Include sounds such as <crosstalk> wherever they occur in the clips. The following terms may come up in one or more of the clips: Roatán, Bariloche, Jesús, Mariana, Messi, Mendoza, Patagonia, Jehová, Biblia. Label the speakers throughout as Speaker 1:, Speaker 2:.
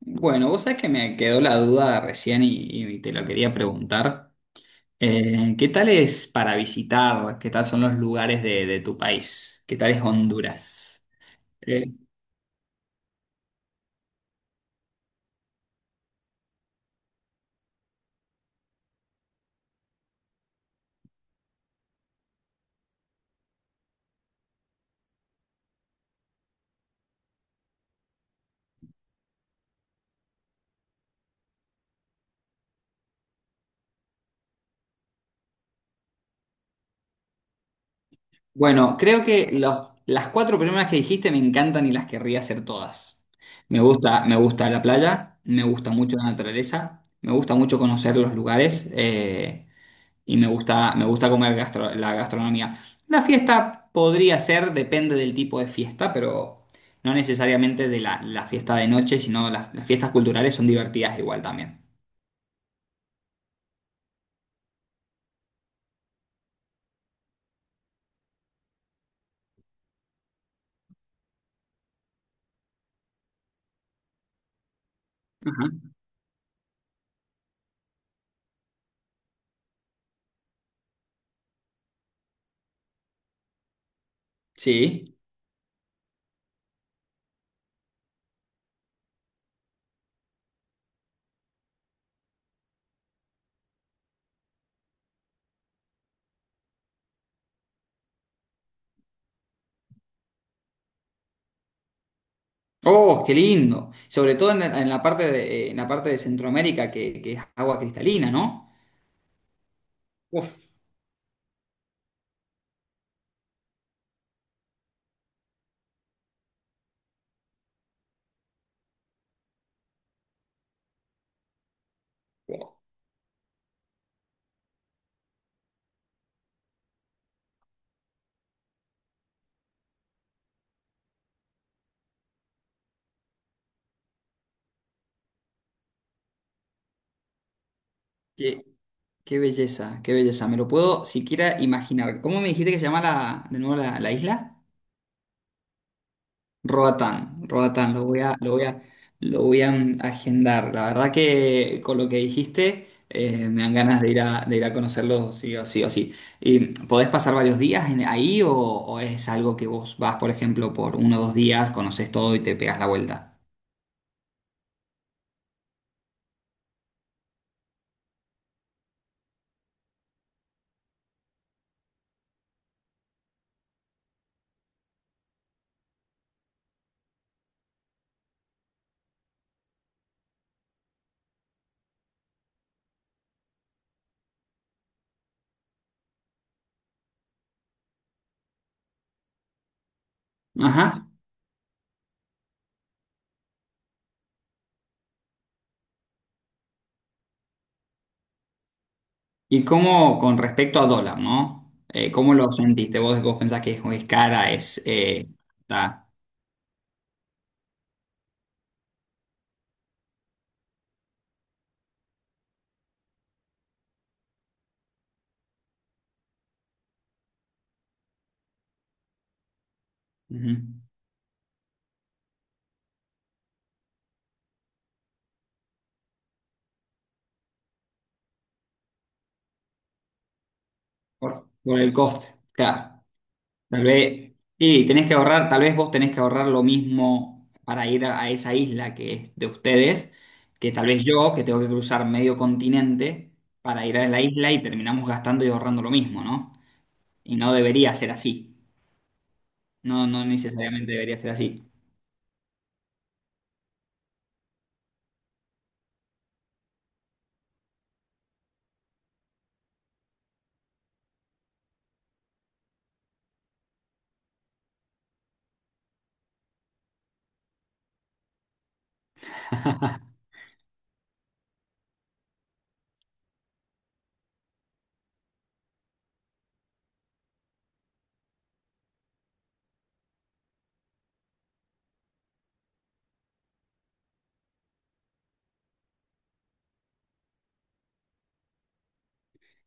Speaker 1: Bueno, vos sabés que me quedó la duda recién y te lo quería preguntar. ¿Qué tal es para visitar? ¿Qué tal son los lugares de tu país? ¿Qué tal es Honduras? Eh, bueno, creo que las cuatro primeras que dijiste me encantan y las querría hacer todas. Me gusta la playa, me gusta mucho la naturaleza, me gusta mucho conocer los lugares. Y me gusta comer la gastronomía. La fiesta podría ser, depende del tipo de fiesta, pero no necesariamente de la fiesta de noche, sino las fiestas culturales son divertidas igual también. Ajá. Sí. Oh, qué lindo. Sobre todo en en la parte en la parte de Centroamérica, que es agua cristalina, ¿no? Uf, qué, qué belleza, qué belleza. Me lo puedo siquiera imaginar. ¿Cómo me dijiste que se llama de nuevo la isla? Roatán, Roatán, lo voy a agendar. La verdad que con lo que dijiste me dan ganas de de ir a conocerlo sí o sí o sí. ¿Y podés pasar varios días ahí o es algo que vos vas, por ejemplo, por uno o dos días, conoces todo y te pegas la vuelta? Ajá. ¿Y cómo con respecto a dólar, no? ¿Cómo lo sentiste? Vos pensás que es cara? Es, está... Ujú. Por el coste, claro. Tal vez, y tenés que ahorrar, tal vez vos tenés que ahorrar lo mismo para ir a esa isla que es de ustedes, que tal vez yo, que tengo que cruzar medio continente para ir a la isla y terminamos gastando y ahorrando lo mismo, ¿no? Y no debería ser así. No, no necesariamente debería ser así.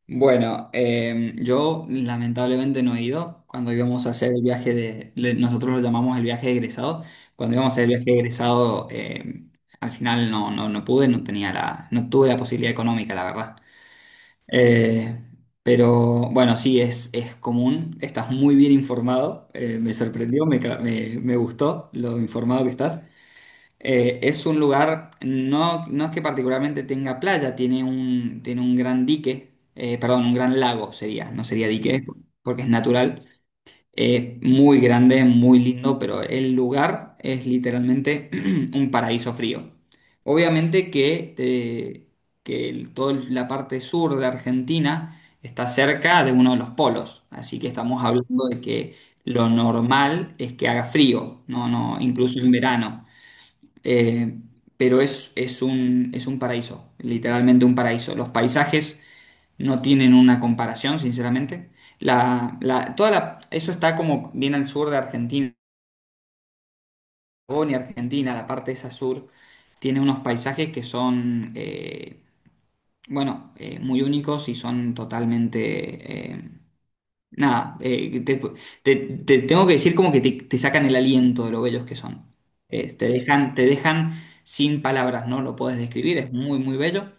Speaker 1: Bueno, yo lamentablemente no he ido. Cuando íbamos a hacer el viaje nosotros lo llamamos el viaje de egresado. Cuando íbamos a hacer el viaje de egresado, al final no pude, no tenía no tuve la posibilidad económica, la verdad. Eh, pero bueno, sí, es común. Estás muy bien informado. Me sorprendió, me gustó lo informado que estás. Es un lugar, no, no es que particularmente tenga playa, tiene un gran dique, perdón, un gran lago sería, no sería dique, porque es natural, muy grande, muy lindo, pero el lugar es literalmente <clears throat> un paraíso frío. Obviamente que, que toda la parte sur de Argentina está cerca de uno de los polos, así que estamos hablando de que lo normal es que haga frío, no, no, incluso en verano. Eh, pero es, es un paraíso, literalmente un paraíso. Los paisajes no tienen una comparación, sinceramente. Toda la... eso está como bien al sur de Argentina, Patagonia, Argentina, la parte esa sur, tiene unos paisajes que son, bueno, muy únicos y son totalmente nada, te tengo que decir como te sacan el aliento de lo bellos que son. Te dejan sin palabras, no lo puedes describir, es muy, muy bello.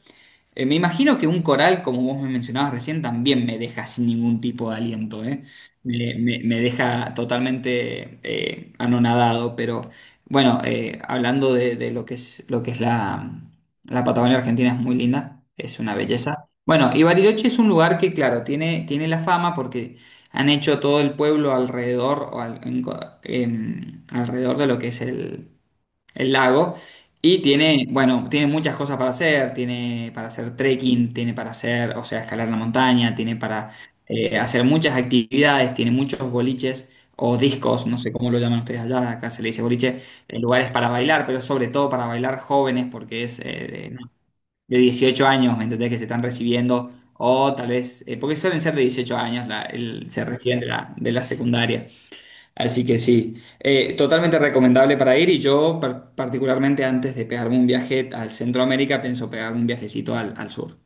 Speaker 1: Me imagino que un coral, como vos me mencionabas recién, también me deja sin ningún tipo de aliento, ¿eh? Me deja totalmente anonadado, pero bueno, hablando de lo que es la Patagonia Argentina, es muy linda, es una belleza. Bueno, y Bariloche es un lugar que, claro, tiene la fama porque han hecho todo el pueblo alrededor, o al- en co- em, alrededor de lo que es el lago. Y tiene, bueno, tiene muchas cosas para hacer, tiene para hacer trekking, tiene para hacer, o sea, escalar la montaña, tiene para hacer muchas actividades, tiene muchos boliches o discos, no sé cómo lo llaman ustedes allá, acá se le dice boliche, lugares para bailar, pero sobre todo para bailar jóvenes, porque es de, no, de 18 años, ¿me entendés? Que se están recibiendo, o tal vez, porque suelen ser de 18 años, se reciben de de la secundaria. Así que sí, totalmente recomendable para ir y yo particularmente antes de pegarme un viaje al Centroamérica pienso pegarme un viajecito al sur.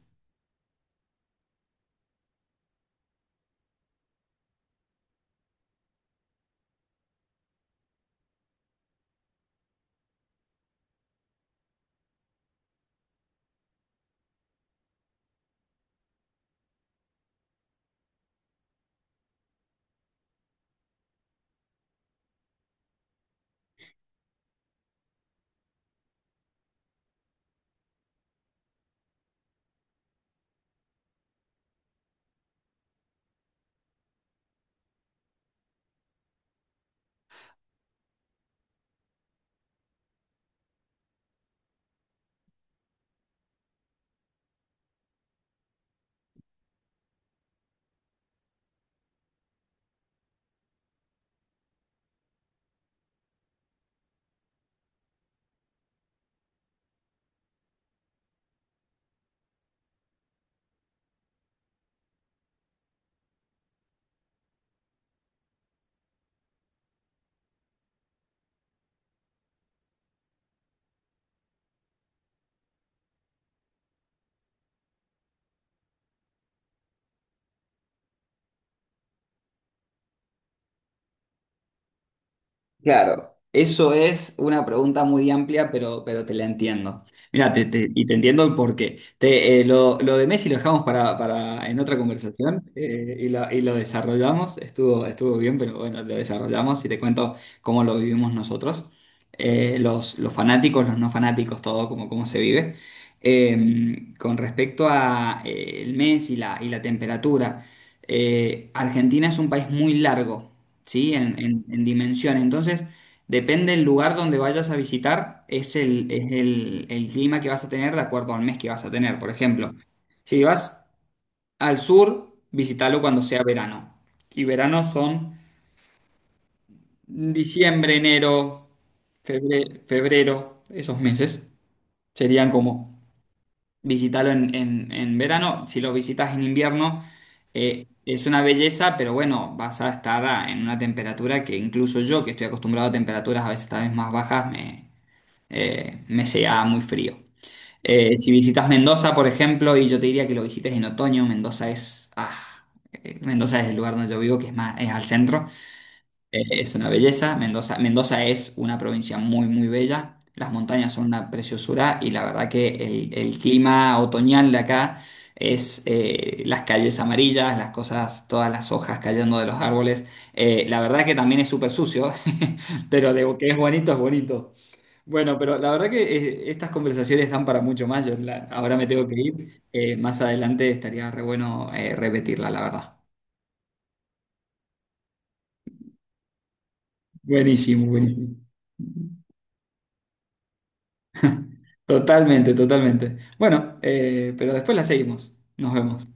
Speaker 1: Claro, eso es una pregunta muy amplia, pero te la entiendo. Mira, y te entiendo el porqué. Lo de Messi lo dejamos para en otra conversación y lo desarrollamos. Estuvo bien, pero bueno, lo desarrollamos y te cuento cómo lo vivimos nosotros. Los fanáticos, los no fanáticos, todo, cómo se vive. Con respecto a el mes y y la temperatura, Argentina es un país muy largo. ¿Sí? En dimensión. Entonces, depende del lugar donde vayas a visitar, es el clima que vas a tener de acuerdo al mes que vas a tener. Por ejemplo, si vas al sur, visítalo cuando sea verano. Y verano son diciembre, enero, febrero, esos meses. Serían como visitarlo en verano. Si lo visitas en invierno, es una belleza, pero bueno, vas a estar en una temperatura que incluso yo, que estoy acostumbrado a temperaturas a veces tal vez más bajas, me sea muy frío. Si visitas Mendoza, por ejemplo, y yo te diría que lo visites en otoño. Mendoza es el lugar donde yo vivo, que es más, es al centro. Es una belleza. Mendoza es una provincia muy, muy bella. Las montañas son una preciosura y la verdad que el clima otoñal de acá es las calles amarillas, las cosas, todas las hojas cayendo de los árboles. La verdad que también es súper sucio, <laughs> pero de que es bonito, es bonito. Bueno, pero la verdad que estas conversaciones dan para mucho más. Yo ahora me tengo que ir. Más adelante estaría re bueno repetirla, la verdad. Buenísimo, buenísimo. Totalmente, totalmente. Bueno, pero después la seguimos. Nos vemos.